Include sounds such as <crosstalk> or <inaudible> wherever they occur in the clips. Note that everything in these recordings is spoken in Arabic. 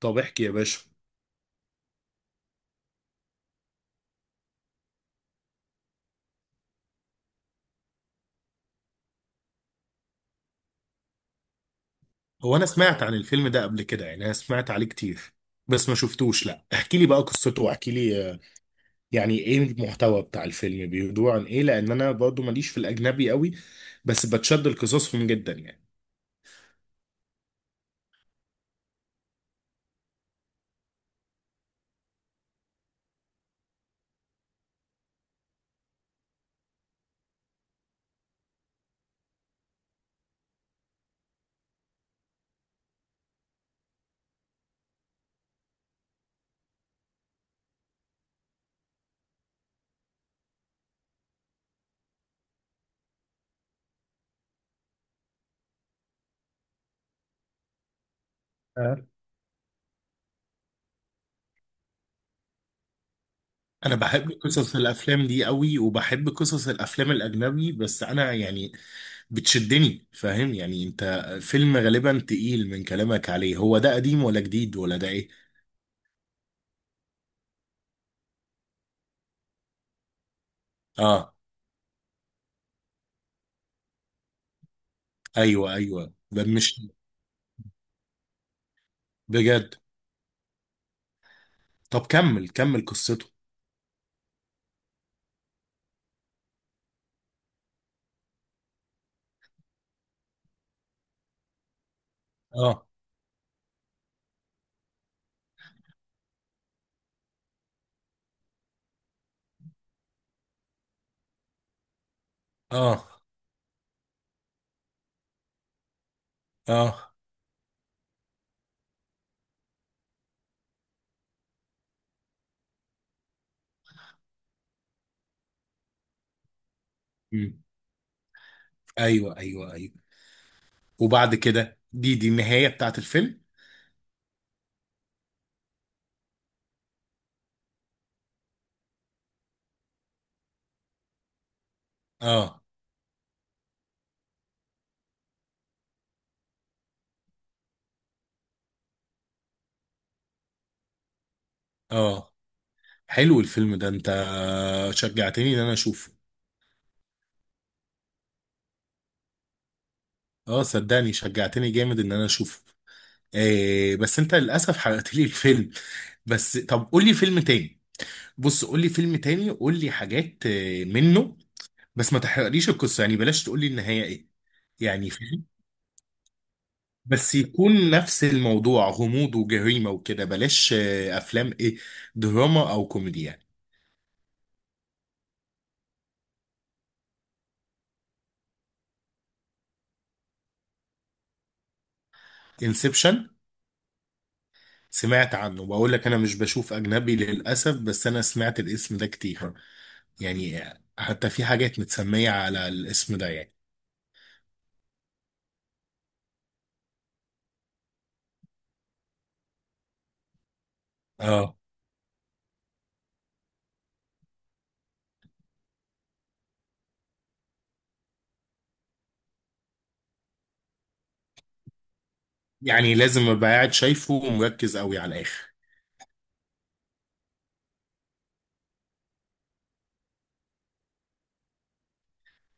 طب احكي يا باشا. هو انا سمعت عن الفيلم ده قبل كده، يعني انا سمعت عليه كتير بس ما شفتوش. لا احكي لي بقى قصته واحكي لي، يعني ايه المحتوى بتاع الفيلم، بيدور عن ايه؟ لان انا برضو ماليش في الاجنبي قوي بس بتشد لقصصهم جدا يعني. أه. انا بحب قصص الافلام دي قوي وبحب قصص الافلام الاجنبي، بس انا يعني بتشدني، فاهم؟ يعني انت فيلم غالبا تقيل من كلامك عليه. هو ده قديم ولا جديد ولا ده ايه؟ اه، ايوه ايوه، ده مش بجد؟ طب كمل كمل قصته. اه اه اه. مم. ايوه ايوه ايوه. وبعد كده دي النهايه بتاعت الفيلم؟ اه اه، حلو الفيلم ده، انت شجعتني ان انا اشوفه. اه صدقني شجعتني جامد ان انا اشوفه. آه، بس انت للاسف حرقت لي الفيلم. بس طب قول لي فيلم تاني. بص قول لي فيلم تاني، قول لي حاجات منه. بس ما تحرقليش القصه يعني، بلاش تقول لي النهايه ايه. يعني. بس يكون نفس الموضوع غموض وجريمة وكده، بلاش أفلام إيه، دراما أو كوميدي يعني. انسبشن؟ سمعت عنه، بقول لك أنا مش بشوف أجنبي للأسف بس أنا سمعت الاسم ده كتير، يعني حتى في حاجات متسمية على الاسم ده يعني. اه. يعني لازم أبقى قاعد شايفه ومركز قوي على الآخر؟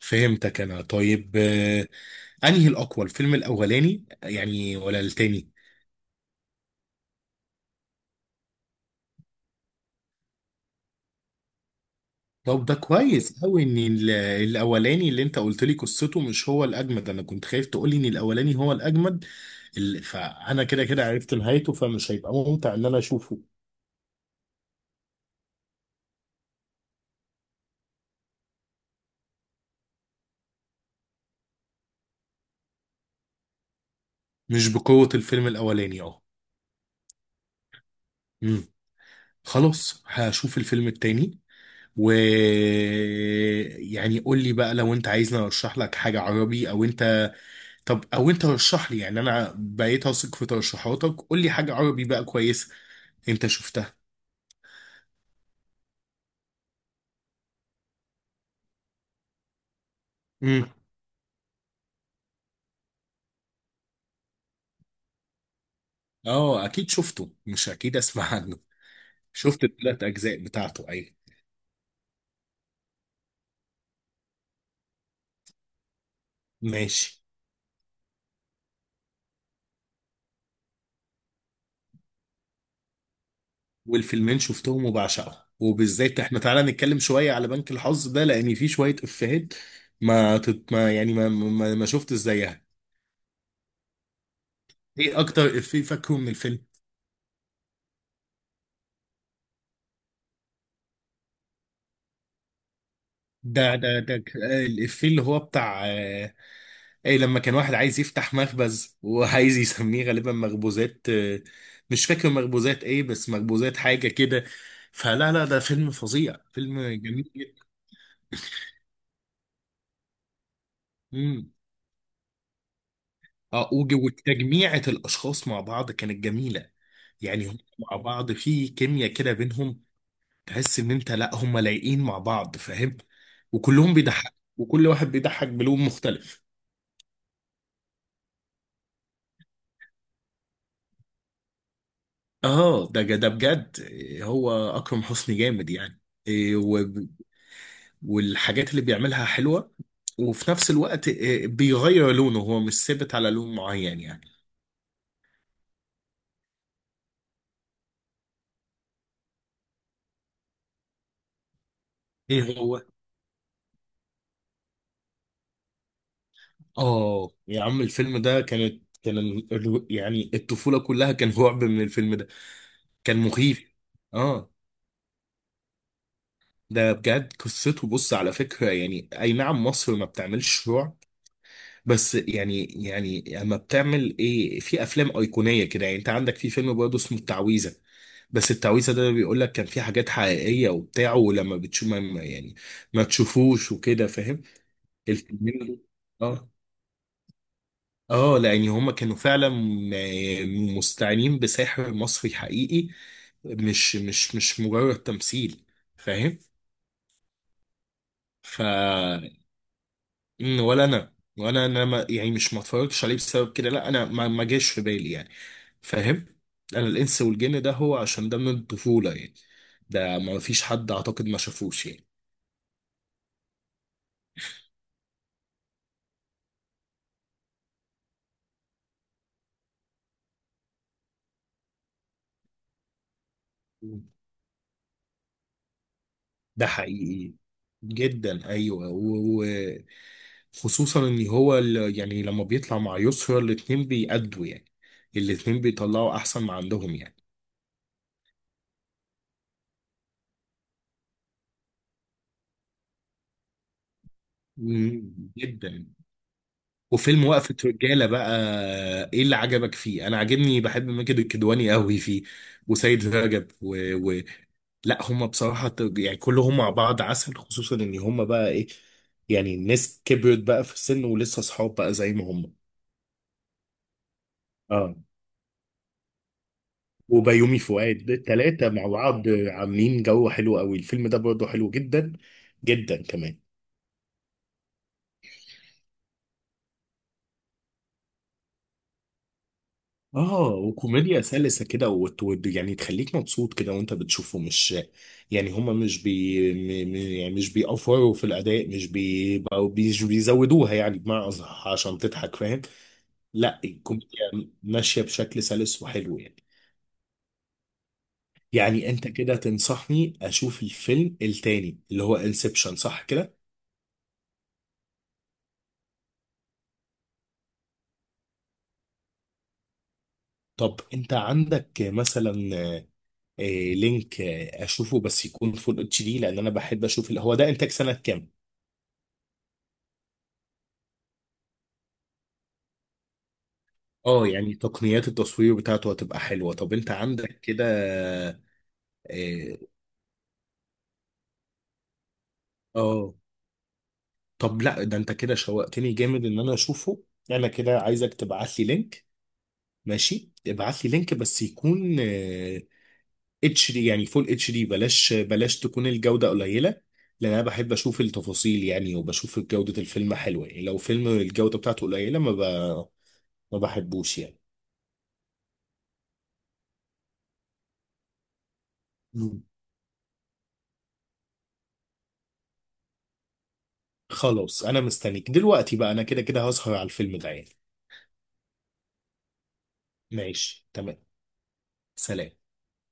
فهمتك أنا، طيب أنهي الأقوى، الفيلم الأولاني يعني ولا التاني؟ طب ده كويس قوي ان الاولاني اللي انت قلت لي قصته مش هو الاجمد، انا كنت خايف تقول لي ان الاولاني هو الاجمد. فانا كده كده عرفت نهايته فمش هيبقى ممتع ان انا اشوفه. مش بقوة الفيلم الاولاني، اه. امم. خلاص هشوف الفيلم التاني. و <laughs> يعني قول لي بقى لو انت عايزني ارشح لك حاجة عربي او انت، طب او انت رشح لي، يعني انا بقيت اثق في ترشيحاتك، قول لي حاجة عربي بقى كويسة انت شفتها. اه اكيد شفته، مش اكيد اسمع عنه. شفت الثلاث اجزاء بتاعته، ايوه. ماشي. والفيلمين شفتهم وبعشقهم، وبالذات احنا تعالى نتكلم شويه على بنك الحظ ده لان فيه شويه افيهات. ما, تت... ما يعني ما شفت زيها. ايه اكتر افيه فاكره من الفيلم؟ ده ده ده ك- آه، الافيه اللي هو بتاع اي لما كان واحد عايز يفتح مخبز وعايز يسميه غالبا مخبوزات، مش فاكر مخبوزات ايه، بس مخبوزات حاجه كده. فلا لا ده فيلم فظيع، فيلم جميل جدا. امم. اه وتجميعة الاشخاص مع بعض كانت جميله. يعني هم مع بعض في كيمياء كده بينهم، تحس ان انت لا هم لايقين مع بعض، فاهم. وكلهم بيضحك وكل واحد بيضحك بلون مختلف. اه ده ده بجد إيه، هو اكرم حسني جامد يعني. والحاجات اللي بيعملها حلوة، وفي نفس الوقت بيغير لونه، هو مش ثابت على لون معين يعني. ايه هو؟ اه يا عم، الفيلم ده كانت كان ال- ال- يعني الطفولة كلها كان <laughs> رعب من الفيلم ده. كان مخيف. اه ده بجد قصته، بص على فكرة يعني، اي نعم مصر ما بتعملش رعب، بس يعني اما بتعمل ايه في افلام ايقونيه كده يعني. انت عندك في فيلم برضه اسمه التعويذه، بس التعويذه ده بيقول لك كان في حاجات حقيقيه وبتاع، ولما بتشوف يعني ما تشوفوش وكده، فاهم. الفيلمين دول. اه اه لان هما كانوا فعلا مستعينين بساحر مصري حقيقي، مش مجرد تمثيل، فاهم. ولا انا، وانا انا ما يعني، مش ما اتفرجتش عليه بسبب كده، لا انا ما ما جاش في بالي يعني، فاهم. انا الانس والجن ده، هو عشان ده من الطفوله يعني، ده ما فيش حد اعتقد ما شافوش يعني. ده حقيقي جدا ايوه. وخصوصا ان هو يعني لما بيطلع مع يسرا، الاتنين بيأدوا يعني، الاتنين بيطلعوا احسن ما عندهم يعني. مم، جدا. وفيلم وقفة رجالة بقى، ايه اللي عجبك فيه؟ انا عاجبني، بحب ماجد الكدواني قوي فيه، وسيد رجب و... و... لا هم بصراحة يعني كلهم مع بعض عسل، خصوصا ان هم بقى ايه، يعني الناس كبرت بقى في السن ولسه صحاب بقى زي ما هم. اه وبيومي فؤاد التلاتة مع بعض عاملين جو حلو قوي، الفيلم ده برضه حلو جدا جدا كمان. اه وكوميديا سلسة كده، يعني تخليك مبسوط كده وانت بتشوفه، مش يعني هما مش يعني مش بيأفوروا في الأداء، مش بي بقوا- مش بيزودوها يعني بمعنى أصح عشان تضحك، فاهم. لا الكوميديا ماشية بشكل سلس وحلو يعني. يعني انت كده تنصحني اشوف الفيلم التاني اللي هو انسبشن، صح كده؟ طب انت عندك مثلا آه، لينك اشوفه، بس يكون فول اتش دي، لان انا بحب اشوف هو ده انتاج سنة كام؟ اه يعني تقنيات التصوير بتاعته هتبقى حلوة، طب انت عندك كده. اه. آه. طب لا ده انت كده شوقتني جامد ان انا اشوفه، انا كده عايزك تبعت لي لينك. ماشي، ابعت لي لينك بس يكون اتش دي يعني فول اتش دي، بلاش بلاش تكون الجودة قليلة، لان انا بحب اشوف التفاصيل يعني، وبشوف جودة الفيلم حلوة يعني، لو فيلم الجودة بتاعته قليلة ما بحبوش يعني. مم. خلاص، انا مستنيك دلوقتي بقى، انا كده كده هسهر على الفيلم ده يعني. ماشي تمام. سلام.